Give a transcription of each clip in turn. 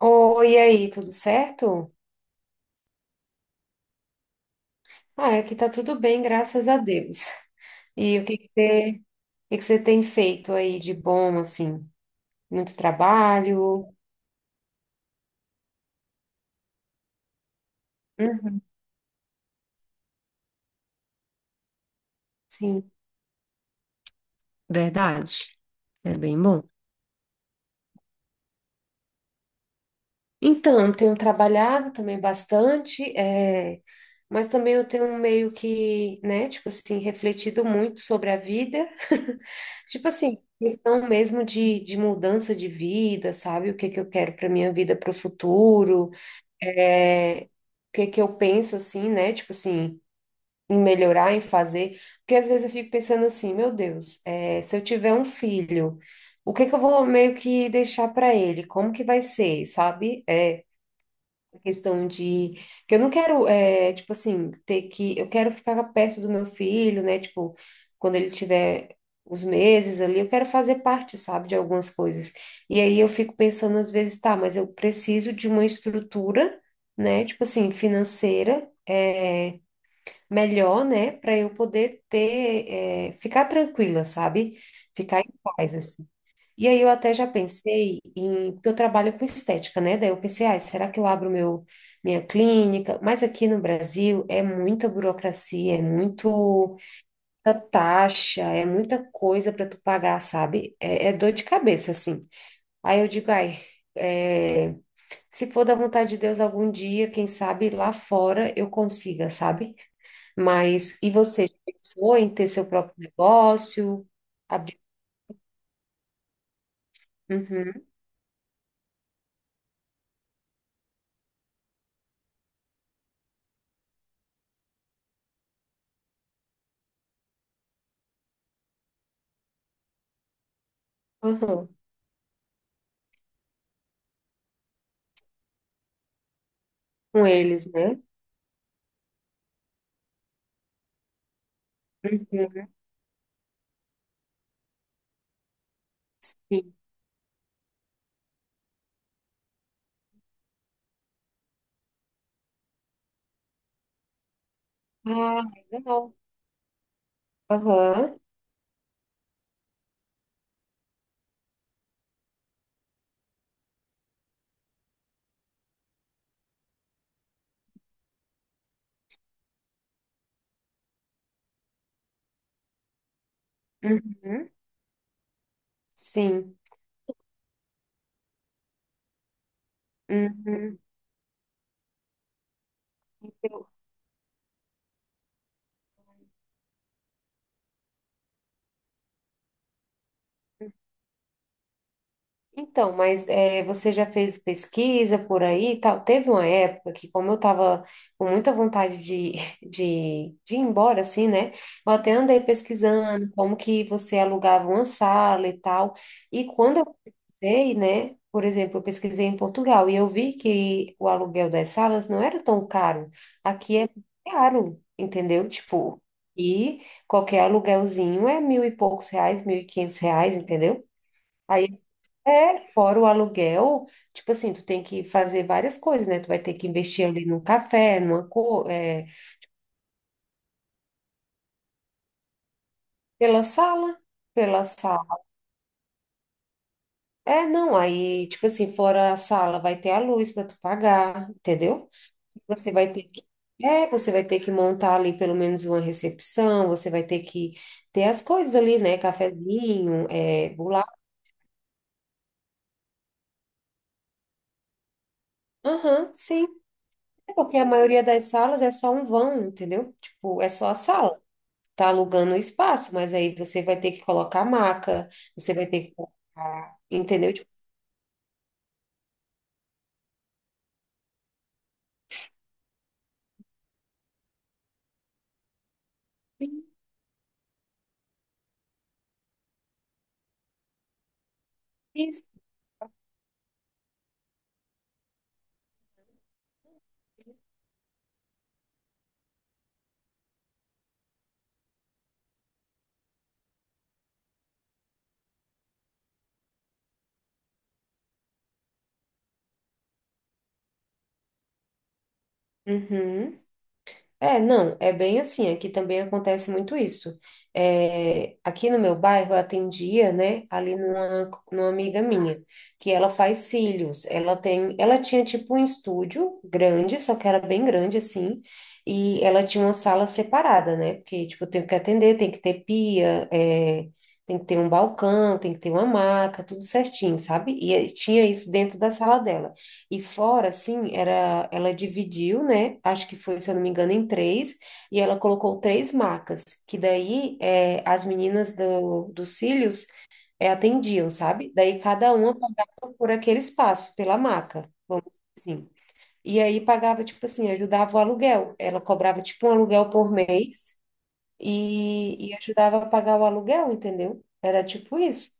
Oi, e aí, tudo certo? Ah, aqui tá tudo bem, graças a Deus. E o que que você, o que que você tem feito aí de bom, assim? Muito trabalho? Uhum, sim, verdade. É bem bom. Então, eu tenho trabalhado também bastante, mas também eu tenho meio que, né, tipo assim, refletido muito sobre a vida. Tipo assim, questão mesmo de mudança de vida, sabe? O que que eu quero para minha vida, para o futuro. O que que eu penso assim, né? Tipo assim, em melhorar, em fazer. Porque às vezes eu fico pensando assim, meu Deus, se eu tiver um filho, o que que eu vou meio que deixar para ele? Como que vai ser, sabe? Questão de que eu não quero tipo assim, ter que, eu quero ficar perto do meu filho, né, tipo, quando ele tiver os meses ali, eu quero fazer parte, sabe, de algumas coisas. E aí eu fico pensando às vezes, tá, mas eu preciso de uma estrutura, né, tipo assim, financeira, melhor, né, para eu poder ter, ficar tranquila, sabe, ficar em paz assim. E aí eu até já pensei em, porque eu trabalho com estética, né? Daí eu pensei, ah, será que eu abro minha clínica? Mas aqui no Brasil é muita burocracia, é muito muita taxa, é muita coisa para tu pagar, sabe? É dor de cabeça, assim. Aí eu digo, ai, é, se for da vontade de Deus algum dia, quem sabe lá fora eu consiga, sabe? Mas, e você, já pensou em ter seu próprio negócio? Abrir... Uhum, uhum. Com eles, né? Uhum. Sim. Ah, legal. Aham. Uhum. Sim. Uhum. Então, mas você já fez pesquisa por aí e tal? Teve uma época que, como eu estava com muita vontade de, de ir embora, assim, né? Eu até andei pesquisando como que você alugava uma sala e tal. E quando eu pesquisei, né? Por exemplo, eu pesquisei em Portugal e eu vi que o aluguel das salas não era tão caro. Aqui é caro, entendeu? Tipo, e qualquer aluguelzinho é mil e poucos reais, 1.500 reais, entendeu? É, fora o aluguel, tipo assim, tu tem que fazer várias coisas, né? Tu vai ter que investir ali num café, pela sala, pela sala. É, não, aí, tipo assim, fora a sala, vai ter a luz para tu pagar, entendeu? Você vai ter que, Você vai ter que montar ali pelo menos uma recepção, você vai ter que ter as coisas ali, né? Cafezinho, bolacha. Aham, sim. É, porque a maioria das salas é só um vão, entendeu? Tipo, é só a sala. Tá alugando o espaço, mas aí você vai ter que colocar maca, você vai ter que colocar, entendeu? Tipo, isso. Uhum. É, não, é bem assim. Aqui também acontece muito isso. É, aqui no meu bairro eu atendia, né, ali numa amiga minha, que ela faz cílios. Ela tinha tipo um estúdio grande, só que era bem grande assim, e ela tinha uma sala separada, né? Porque tipo tem que atender, tem que ter pia, tem que ter um balcão, tem que ter uma maca, tudo certinho, sabe? Tinha isso dentro da sala dela. E fora, assim, era, ela dividiu, né? Acho que foi, se eu não me engano, em três, e ela colocou três macas, que daí, as meninas dos cílios, atendiam, sabe? Daí cada uma pagava por aquele espaço, pela maca, vamos dizer assim. E aí pagava, tipo assim, ajudava o aluguel. Ela cobrava, tipo, um aluguel por mês e ajudava a pagar o aluguel, entendeu? Era tipo isso.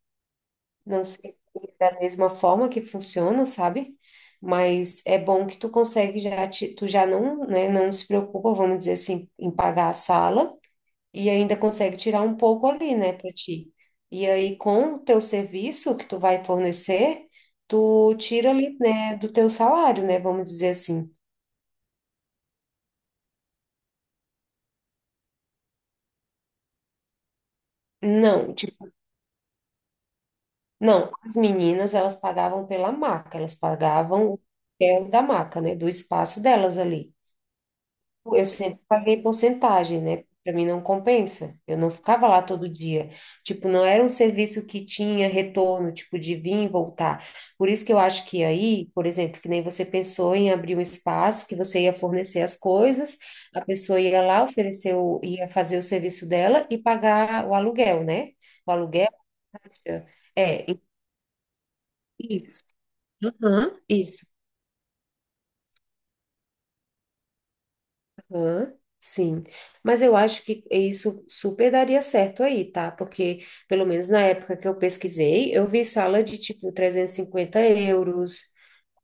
Não sei se é da mesma forma que funciona, sabe? Mas é bom que tu consegue já, tu já não, né, não se preocupa, vamos dizer assim, em pagar a sala e ainda consegue tirar um pouco ali, né, para ti. E aí, com o teu serviço que tu vai fornecer, tu tira ali, né, do teu salário, né, vamos dizer assim. Não, tipo, não, as meninas, elas pagavam pela maca, elas pagavam o aluguel da maca, né, do espaço delas ali. Eu sempre paguei porcentagem, né? Para mim não compensa. Eu não ficava lá todo dia. Tipo, não era um serviço que tinha retorno, tipo, de vir e voltar. Por isso que eu acho que aí, por exemplo, que nem você pensou em abrir um espaço que você ia fornecer as coisas, a pessoa ia lá, ia fazer o serviço dela e pagar o aluguel, né? O aluguel. É, isso. Aham, isso. Hã? Sim, mas eu acho que isso super daria certo aí, tá? Porque, pelo menos na época que eu pesquisei, eu vi sala de tipo 350 euros,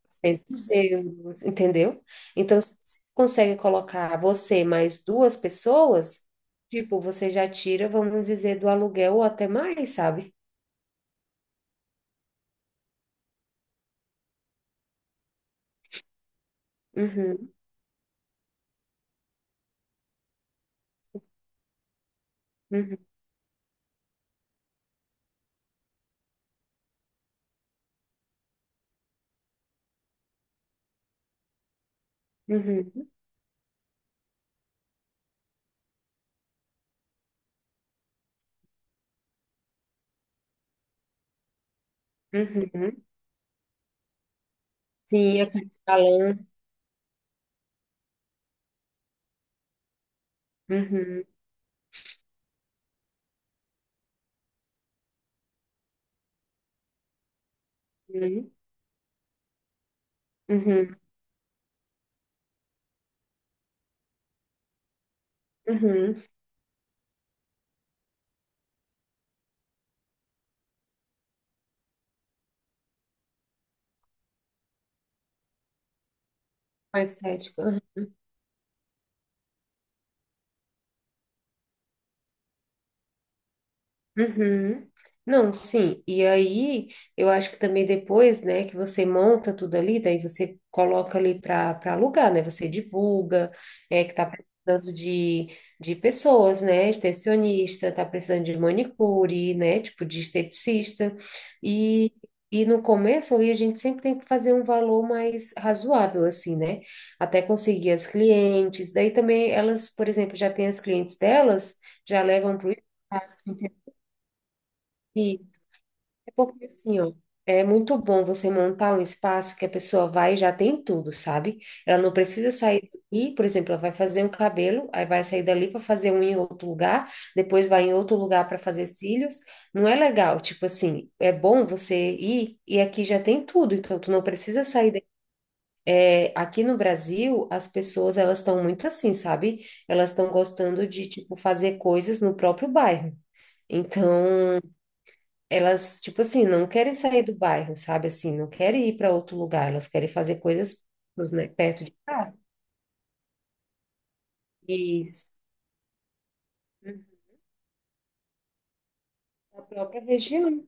100 euros, entendeu? Então, se você consegue colocar você mais duas pessoas, tipo, você já tira, vamos dizer, do aluguel ou até mais, sabe? Uhum, uhum, uhum, uhum. Sim, aquele salão. Uhum, uhum, uhum, uhum. A estética. Uhum. Não, sim. E aí, eu acho que também depois, né, que você monta tudo ali, daí você coloca ali para alugar, né? Você divulga, é que tá precisando de pessoas, né? Extensionista, tá precisando de manicure, né? Tipo de esteticista. E, e no começo ali, a gente sempre tem que fazer um valor mais razoável, assim, né? Até conseguir as clientes. Daí também elas, por exemplo, já tem as clientes delas, já levam para o espaço. É porque assim, ó, é muito bom você montar um espaço que a pessoa vai e já tem tudo, sabe? Ela não precisa sair daqui, por exemplo, ela vai fazer um cabelo, aí vai sair dali para fazer um em outro lugar, depois vai em outro lugar para fazer cílios. Não é legal, tipo assim, é bom você ir e aqui já tem tudo, então tu não precisa sair daqui. É, aqui no Brasil, as pessoas, elas estão muito assim, sabe? Elas estão gostando de tipo fazer coisas no próprio bairro. Então, elas, tipo assim, não querem sair do bairro, sabe? Assim, não querem ir para outro lugar, elas querem fazer coisas, né, perto de casa. Isso. Uhum. Da própria região,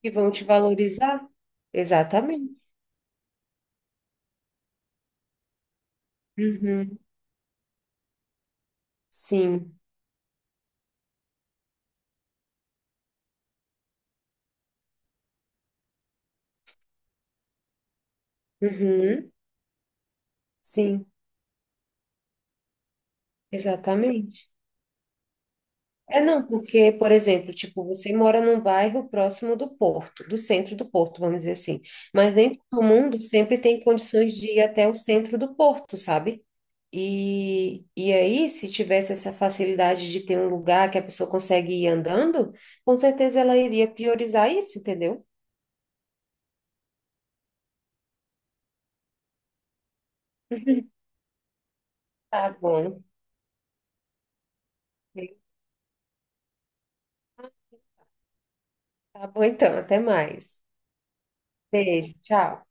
que vão te valorizar. Exatamente. Uhum. Sim. Uhum. Sim, exatamente. É, não, porque, por exemplo, tipo, você mora num bairro próximo do Porto, do centro do Porto, vamos dizer assim, mas nem todo mundo sempre tem condições de ir até o centro do Porto, sabe? E aí, se tivesse essa facilidade de ter um lugar que a pessoa consegue ir andando, com certeza ela iria priorizar isso, entendeu? Tá bom. Tá bom, então, até mais. Beijo, tchau.